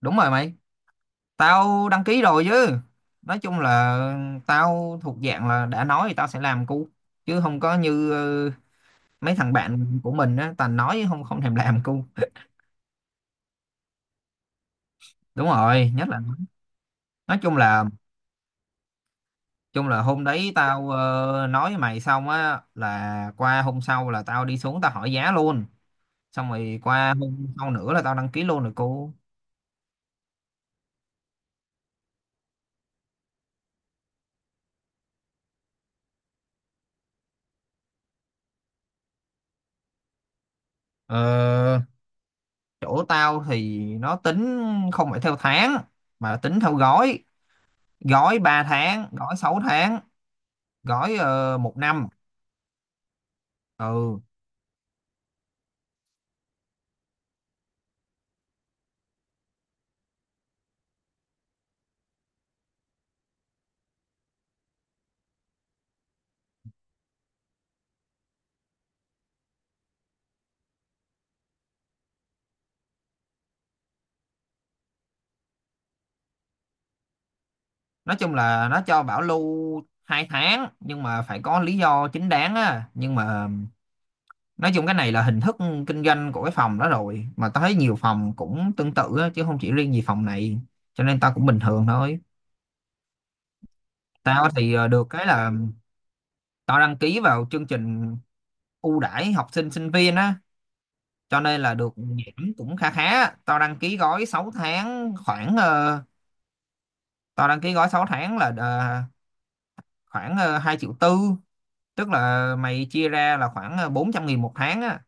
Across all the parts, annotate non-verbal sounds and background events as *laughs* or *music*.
Đúng rồi mày, tao đăng ký rồi chứ. Nói chung là tao thuộc dạng là đã nói thì tao sẽ làm cu, chứ không có như mấy thằng bạn của mình á, toàn nói không không thèm làm cu. *laughs* Đúng rồi, nhất là nói chung là hôm đấy tao nói với mày xong á là qua hôm sau là tao đi xuống tao hỏi giá luôn. Xong rồi qua hôm sau nữa là tao đăng ký luôn rồi cu. Ờ, chỗ tao thì nó tính không phải theo tháng mà là tính theo gói, gói 3 tháng, gói 6 tháng, gói 1 năm. Ừ, nói chung là nó cho bảo lưu 2 tháng nhưng mà phải có lý do chính đáng á, nhưng mà nói chung cái này là hình thức kinh doanh của cái phòng đó rồi, mà tao thấy nhiều phòng cũng tương tự á, chứ không chỉ riêng gì phòng này, cho nên tao cũng bình thường thôi. Tao thì được cái là tao đăng ký vào chương trình ưu đãi học sinh sinh viên á, cho nên là được giảm cũng khá khá. Tao đăng ký gói 6 tháng khoảng ờ, tao đăng ký gói 6 tháng là ờ, khoảng 2 triệu tư, tức là mày chia ra là khoảng 400.000 một tháng á.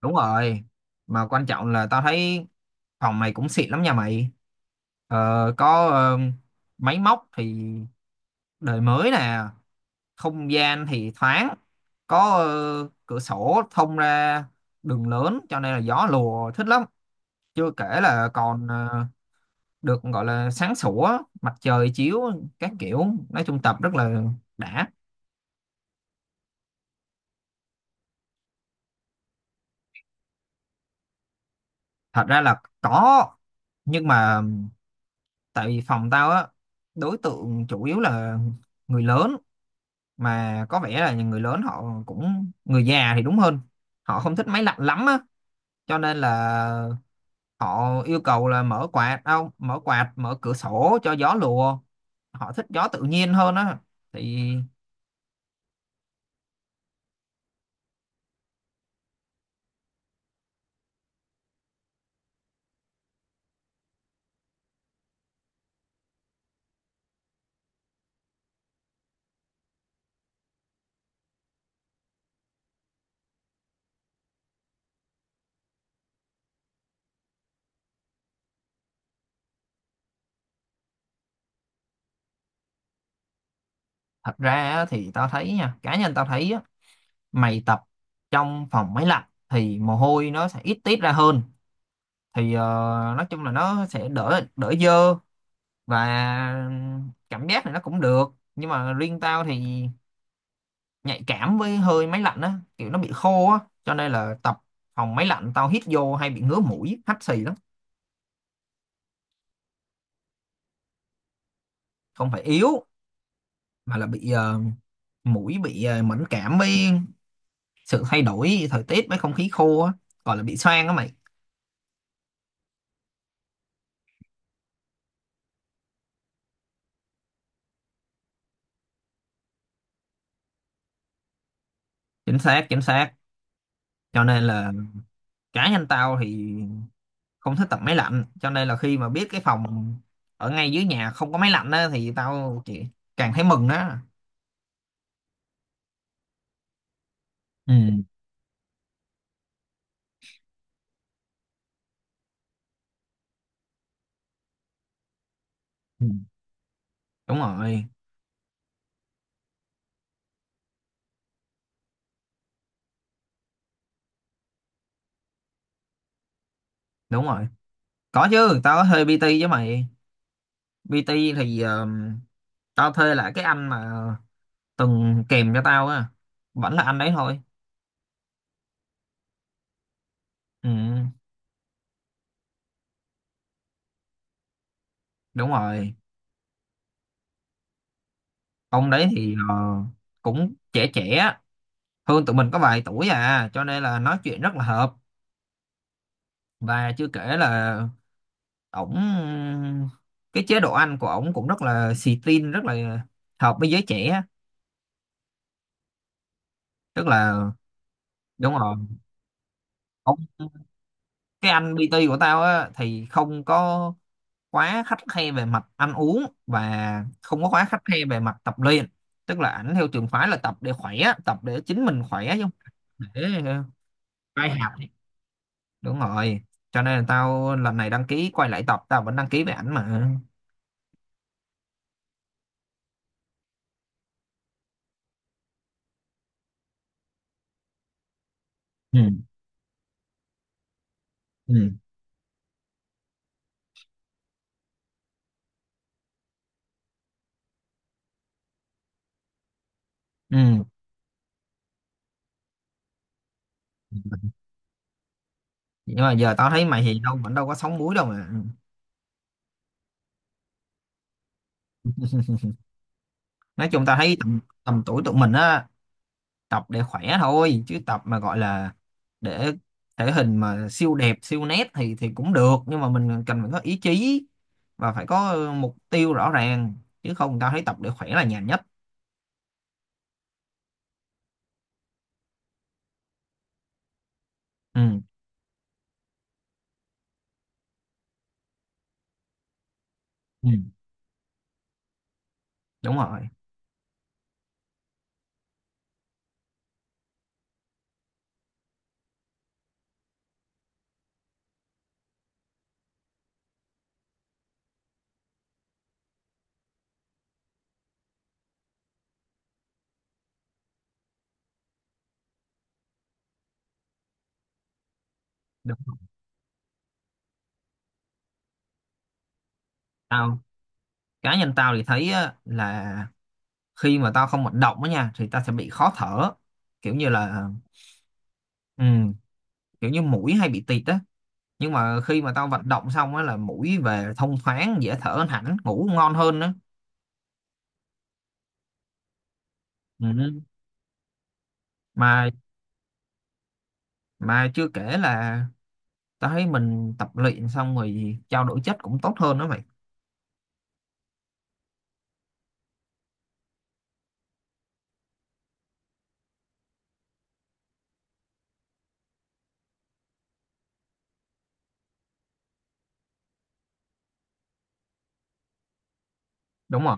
Đúng rồi, mà quan trọng là tao thấy phòng mày cũng xịn lắm nha mày. Ờ, có máy móc thì đời mới nè, không gian thì thoáng, có cửa sổ thông ra đường lớn cho nên là gió lùa thích lắm. Chưa kể là còn được gọi là sáng sủa, mặt trời chiếu các kiểu, nói chung tập rất là đã. Thật ra là có, nhưng mà tại vì phòng tao á, đối tượng chủ yếu là người lớn, mà có vẻ là người lớn, họ cũng người già thì đúng hơn, họ không thích máy lạnh lắm á, cho nên là họ yêu cầu là mở quạt, không mở quạt, mở cửa sổ cho gió lùa. Họ thích gió tự nhiên hơn á thì thật ra á, thì tao thấy nha, cá nhân tao thấy á, mày tập trong phòng máy lạnh thì mồ hôi nó sẽ ít tiết ra hơn, thì nói chung là nó sẽ đỡ đỡ dơ, và cảm giác này nó cũng được. Nhưng mà riêng tao thì nhạy cảm với hơi máy lạnh á, kiểu nó bị khô á, cho nên là tập phòng máy lạnh tao hít vô hay bị ngứa mũi hắt xì lắm. Không phải yếu, mà là bị mũi bị mẫn cảm với sự thay đổi thời tiết, với không khí khô á, gọi là bị xoang á mày. Chính xác, chính xác, cho nên là cá nhân tao thì không thích tập máy lạnh, cho nên là khi mà biết cái phòng ở ngay dưới nhà không có máy lạnh á thì tao chỉ càng thấy mừng đó. Ừ. Ừ. Đúng rồi. Đúng rồi, có chứ, tao có thuê PT với mày. PT thì tao thuê lại cái anh mà từng kèm cho tao á, vẫn là anh đấy thôi. Ừ. Đúng rồi, ông đấy thì cũng trẻ, trẻ hơn tụi mình có vài tuổi à, cho nên là nói chuyện rất là hợp. Và chưa kể là ổng, cái chế độ ăn của ổng cũng rất là xì tin, rất là hợp với giới trẻ á. Tức là đúng rồi, ổng, cái anh PT của tao á thì không có quá khắt khe về mặt ăn uống và không có quá khắt khe về mặt tập luyện. Tức là ảnh theo trường phái là tập để khỏe, tập để chính mình khỏe chứ không phải để ờ, vai hạp. Đúng rồi, cho nên là tao lần này đăng ký quay lại tập, tao vẫn đăng ký về ảnh mà. Ừ. Ừ. Ừ, nhưng mà giờ tao thấy mày thì đâu vẫn đâu có sóng múi đâu mà. *laughs* Nói chung tao thấy tầm tuổi tụi mình á, tập để khỏe thôi, chứ tập mà gọi là để thể hình mà siêu đẹp siêu nét thì cũng được, nhưng mà mình cần phải có ý chí và phải có mục tiêu rõ ràng, chứ không tao thấy tập để khỏe là nhàn nhất. Ừ. Ừ. Đúng rồi. Đúng. Tao cá nhân tao thì thấy á, là khi mà tao không vận động á nha thì tao sẽ bị khó thở, kiểu như là ừ, kiểu như mũi hay bị tịt á. Nhưng mà khi mà tao vận động xong á là mũi về thông thoáng, dễ thở hẳn, ngủ ngon hơn nữa. Ừ. mà mà chưa kể là tao thấy mình tập luyện xong rồi trao đổi chất cũng tốt hơn đó mày. Đúng rồi.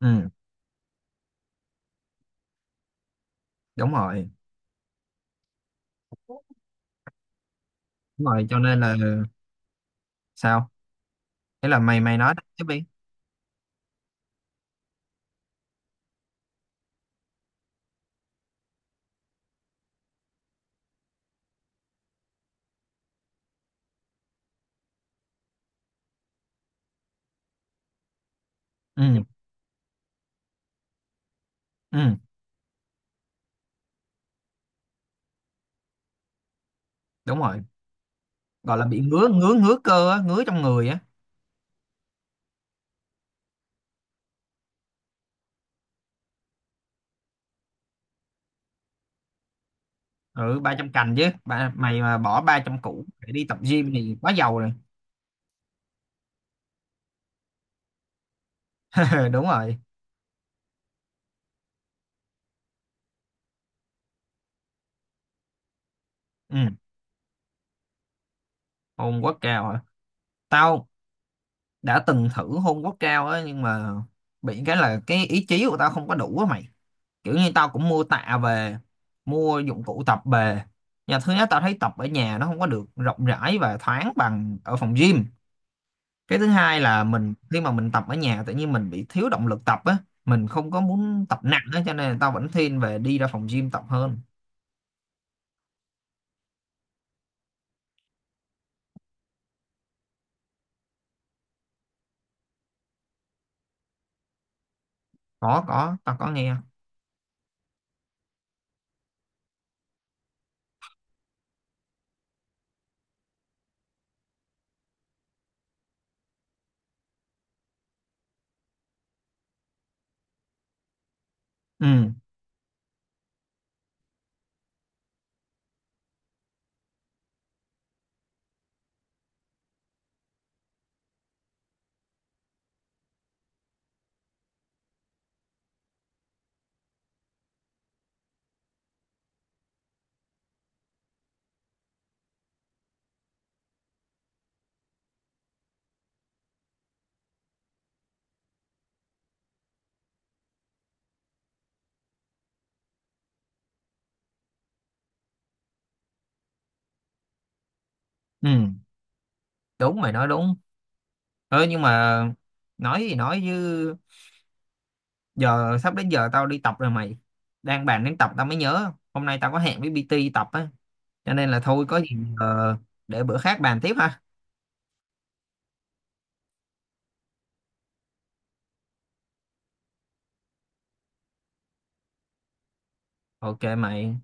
Ừ, đúng rồi. Đúng rồi, cho nên là sao? Thế là mày mày nói tiếp đi. Ừ. Ừ, đúng rồi, gọi là bị ngứa, ngứa ngứa cơ á, ngứa trong người á. Ừ, 300 cành chứ, mày mà bỏ 300 củ để đi tập gym thì quá giàu rồi. *laughs* Đúng rồi. Ừ, hồn quá cao hả? Tao đã từng thử hôn gốc cao á, nhưng mà bị cái là cái ý chí của tao không có đủ á mày. Kiểu như tao cũng mua tạ về, mua dụng cụ tập về nhà, thứ nhất tao thấy tập ở nhà nó không có được rộng rãi và thoáng bằng ở phòng gym, cái thứ hai là mình khi mà mình tập ở nhà tự nhiên mình bị thiếu động lực tập á, mình không có muốn tập nặng á, cho nên là tao vẫn thiên về đi ra phòng gym tập hơn. Có, tao có nghe. Ừ. Ừ, đúng, mày nói đúng. Ừ, nhưng mà nói gì nói chứ, giờ sắp đến giờ tao đi tập rồi mày, đang bàn đến tập tao mới nhớ hôm nay tao có hẹn với PT tập á, cho nên là thôi có gì ờ, để bữa khác bàn tiếp ha. Ok mày,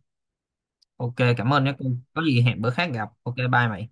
ok, cảm ơn nhé. Có gì hẹn bữa khác gặp, ok, bye mày.